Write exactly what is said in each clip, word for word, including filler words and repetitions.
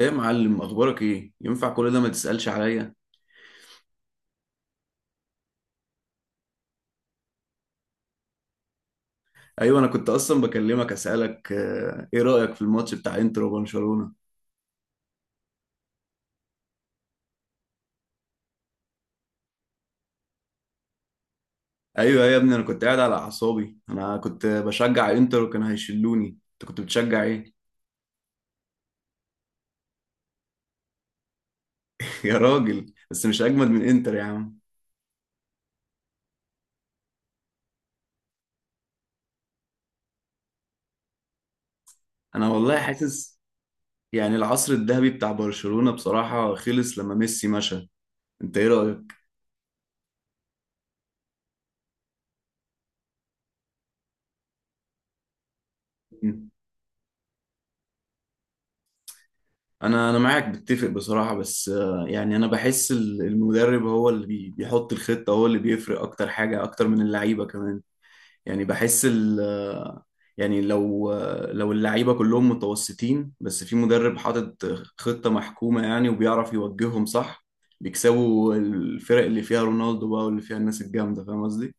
ايه يا معلم، اخبارك ايه؟ ينفع كل ده؟ ما تسألش عليا؟ ايوه، انا كنت اصلا بكلمك اسالك، آه، ايه رأيك في الماتش بتاع انتر وبرشلونة؟ ايوه يا ابني، انا كنت قاعد على اعصابي، انا كنت بشجع انتر وكانوا هيشلوني. انت كنت بتشجع ايه؟ يا راجل، بس مش اجمد من انتر يا عم. انا والله حاسس يعني العصر الذهبي بتاع برشلونة بصراحة خلص لما ميسي مشى. انت ايه رأيك؟ انا انا معاك بتفق بصراحه، بس آه، يعني انا بحس ال- المدرب هو اللي بي- بيحط الخطه، هو اللي بيفرق اكتر حاجه، اكتر من اللعيبه كمان. يعني بحس ال آه، يعني لو آه، لو اللعيبه كلهم متوسطين بس في مدرب حاطط خطه محكومه يعني، وبيعرف يوجههم صح، بيكسبوا الفرق اللي فيها رونالدو بقى واللي فيها الناس الجامده، فاهم قصدي؟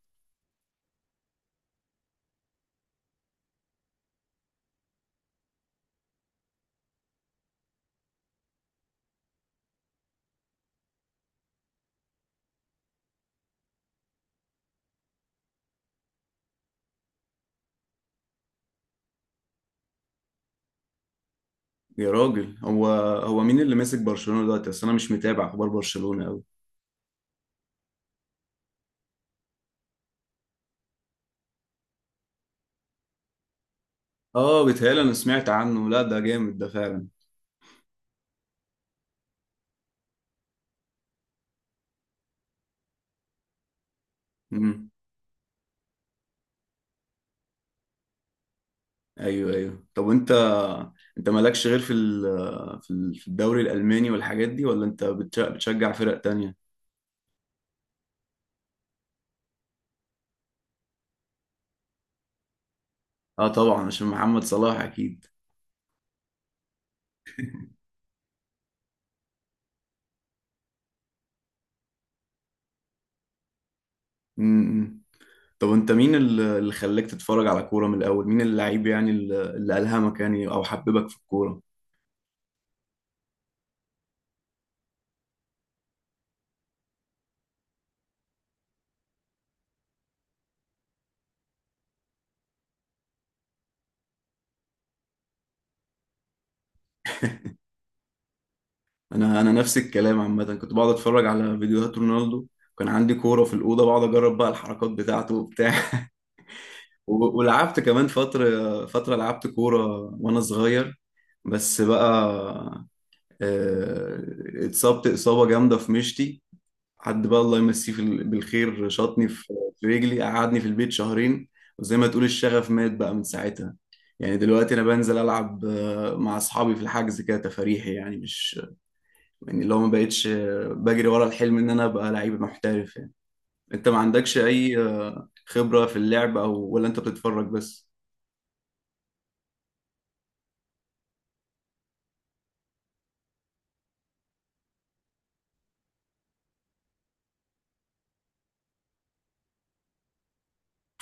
يا راجل، هو هو مين اللي ماسك برشلونه دلوقتي؟ اصل انا مش متابع اخبار برشلونه قوي. اه، بيتهيألي انا سمعت عنه. لا، ده جامد ده فعلا. مم. ايوه ايوه، طب وانت، انت مالكش غير في ال- في ال- في الدوري الالماني والحاجات دي، ولا انت بتش- بتشجع فرق تانية؟ اه، طبعا عشان محمد صلاح اكيد. امم طب انت، مين ال- اللي خلاك تتفرج على كورة من الاول؟ مين اللعيب يعني، ال- اللي الهمك يعني او حببك في الكورة؟ انا انا نفس الكلام عامة، كنت بقعد اتفرج على فيديوهات رونالدو. كان عندي كورة في الأوضة، بقعد أجرب بقى الحركات بتاعته وبتاع. و- ولعبت كمان فترة، فترة لعبت كورة وأنا صغير. بس بقى آه، اتصبت إصابة جامدة في مشتي. حد بقى الله يمسيه في ال- بالخير شاطني في في رجلي، قعدني في البيت شهرين. وزي ما تقول الشغف مات بقى من ساعتها. يعني دلوقتي أنا بنزل ألعب آه، مع أصحابي في الحجز كده تفاريحي، يعني مش يعني اللي هو ما بقتش آه، بجري ورا الحلم إن أنا أبقى لعيب محترف يعني. أنت ما عندكش أي خبرة في اللعب، أو ولا أنت بتتفرج بس؟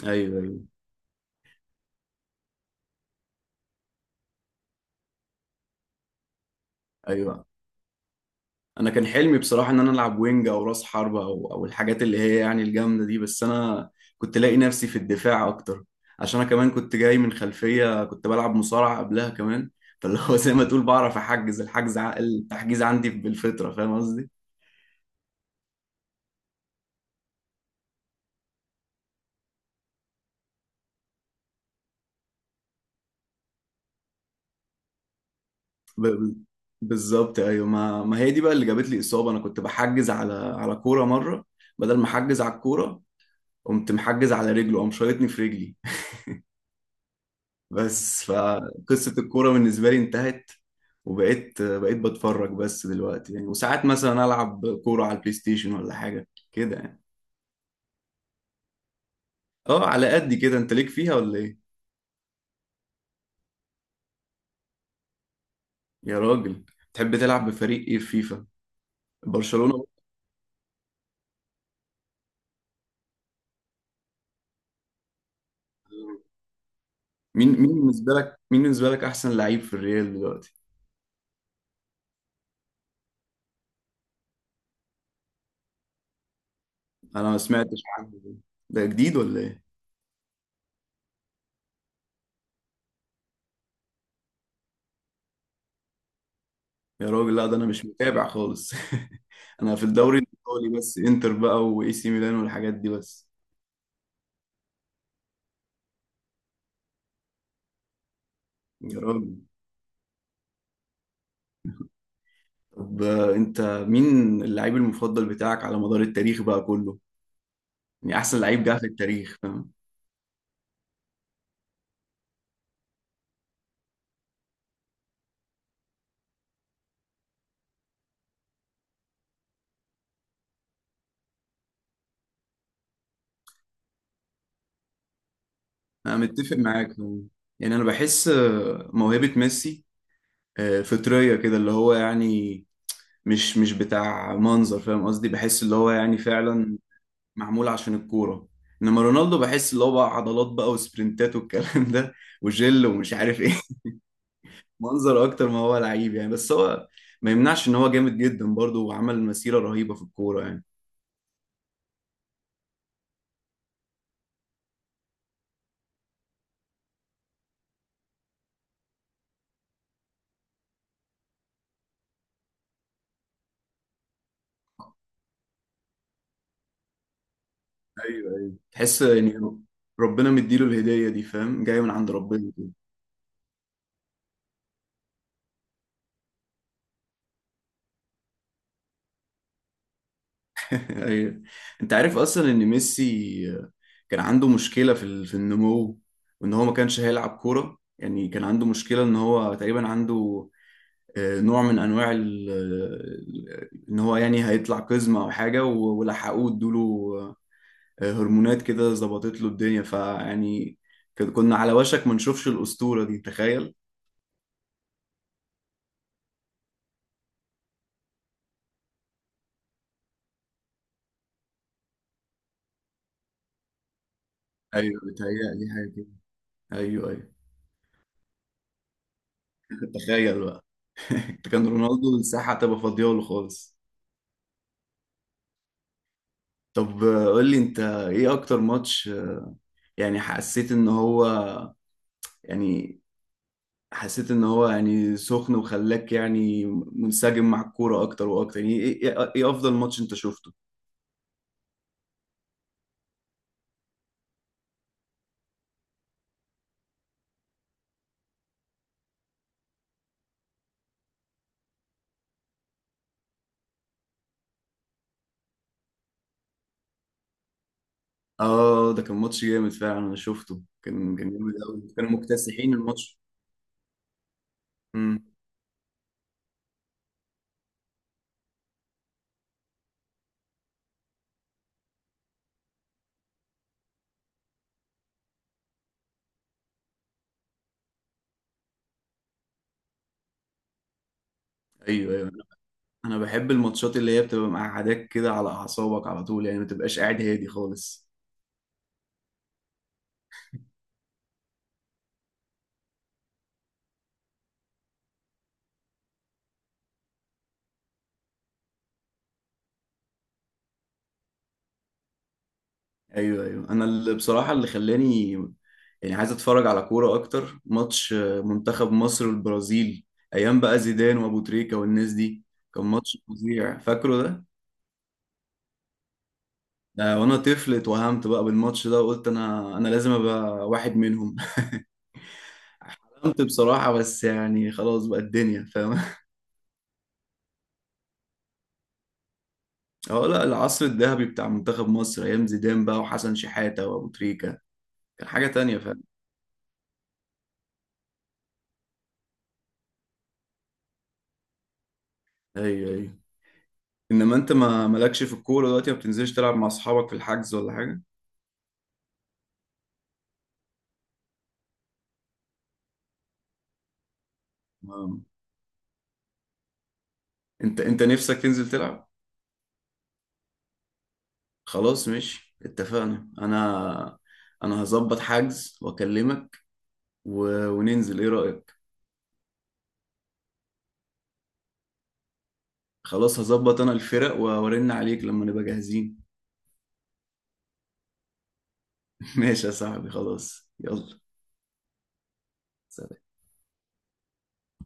أيوه أيوه أيوه، انا كان حلمي بصراحه ان انا العب وينج او راس حربه، او او الحاجات اللي هي يعني الجامده دي، بس انا كنت لاقي نفسي في الدفاع اكتر. عشان انا كمان كنت جاي من خلفيه، كنت بلعب مصارعه قبلها كمان. فاللي هو زي ما تقول، بعرف احجز الحجز، ع- التحجيز عندي بالفطره، فاهم قصدي؟ ب- ب- بالظبط ايوه، ما ما هي دي بقى اللي جابت لي اصابه. انا كنت بحجز على على كوره مره بدل ما احجز على الكوره، قمت محجز على رجله، قام شايطني في رجلي. بس فقصة الكورة بالنسبة لي انتهت، وبقيت بقيت بتفرج بس دلوقتي يعني. وساعات مثلا ألعب كورة على البلاي ستيشن ولا حاجة كده يعني. اه، على قد كده. انت ليك فيها ولا ايه؟ يا راجل، تحب تلعب بفريق ايه في فيفا؟ برشلونة؟ مين مين بالنسبة لك مين بالنسبة لك أحسن لعيب في الريال دلوقتي؟ أنا ما سمعتش عنه ده. ده جديد ولا ايه؟ يا راجل، لا ده أنا مش متابع خالص. أنا في الدوري الإيطالي بس، إنتر بقى وإي سي ميلان والحاجات دي بس. يا راجل، طب انت مين اللعيب المفضل بتاعك على مدار التاريخ بقى كله؟ يعني احسن لعيب جه في التاريخ، فاهم؟ انا متفق معاك، فاهم؟ يعني انا بحس آه، موهبة ميسي آه، فطرية كده، اللي هو يعني مش مش بتاع منظر، فاهم قصدي؟ بحس اللي هو يعني فعلا معمول عشان الكورة. انما رونالدو بحس اللي هو بقى عضلات بقى وسبرنتات والكلام ده، وجل ومش عارف ايه. منظر اكتر ما هو لعيب يعني، بس هو ما يمنعش ان هو جامد جدا برضه، وعمل مسيرة رهيبة في الكورة يعني. ايوه ايوه، تحس يعني ربنا مديله الهدية دي، فاهم؟ جاية من عند ربنا كده. ايوه، انت عارف اصلا ان ميسي كان عنده مشكلة في ال- في النمو، وان هو ما كانش هيلعب كورة يعني. كان عنده مشكلة ان هو تقريبا عنده آه، نوع من انواع ال- ال- ان هو يعني هيطلع قزمة او حاجة، و- ولحقوه ادوله آه، هرمونات كده ظبطت له الدنيا فيعني، كنا على وشك ما نشوفش الأسطورة دي، تخيل. ايوه بتهيألي حاجة كده. ايوه ايوه، تخيل بقى. ده كان رونالدو الساحة هتبقى فاضية له خالص. طب آه، قول لي، انت ايه اكتر ماتش آه، يعني حسيت ان هو يعني حسيت ان هو يعني سخن وخلاك يعني منسجم مع الكورة اكتر واكتر؟ يعني ايه، ايه إيه افضل ماتش انت شفته؟ اه، ده كان ماتش جامد فعلا، انا شفته كان كان جامد قوي، كانوا مكتسحين الماتش. امم، ايوه ايوه، انا بحب الماتشات اللي هي بتبقى مقعداك كده على اعصابك على طول، يعني ما تبقاش قاعد هادي خالص. ايوه ايوه، انا اللي بصراحه اللي خلاني يعني عايز اتفرج على كوره اكتر، ماتش آه، منتخب مصر والبرازيل، ايام بقى زيدان وابو تريكه والناس دي. كان ماتش فظيع، فاكره ده؟ آه، وانا طفل اتوهمت بقى بالماتش ده، وقلت انا انا لازم ابقى واحد منهم. اتوهمت بصراحه، بس يعني خلاص بقى الدنيا، فاهم؟ اه لا، العصر الذهبي بتاع منتخب مصر ايام زيدان بقى، وحسن شحاته، وابو تريكه، كان حاجه تانية، فاهم؟ ايوه ايوه، انما انت ما مالكش في الكوره دلوقتي؟ ما بتنزلش تلعب مع اصحابك في الحجز ولا حاجه؟ آه. انت انت نفسك تنزل تلعب؟ خلاص، ماشي، اتفقنا. انا انا هظبط حجز واكلمك و... وننزل، ايه رأيك؟ خلاص، هظبط انا الفرق وارن عليك لما نبقى جاهزين. ماشي يا صاحبي، خلاص، يلا. سلام.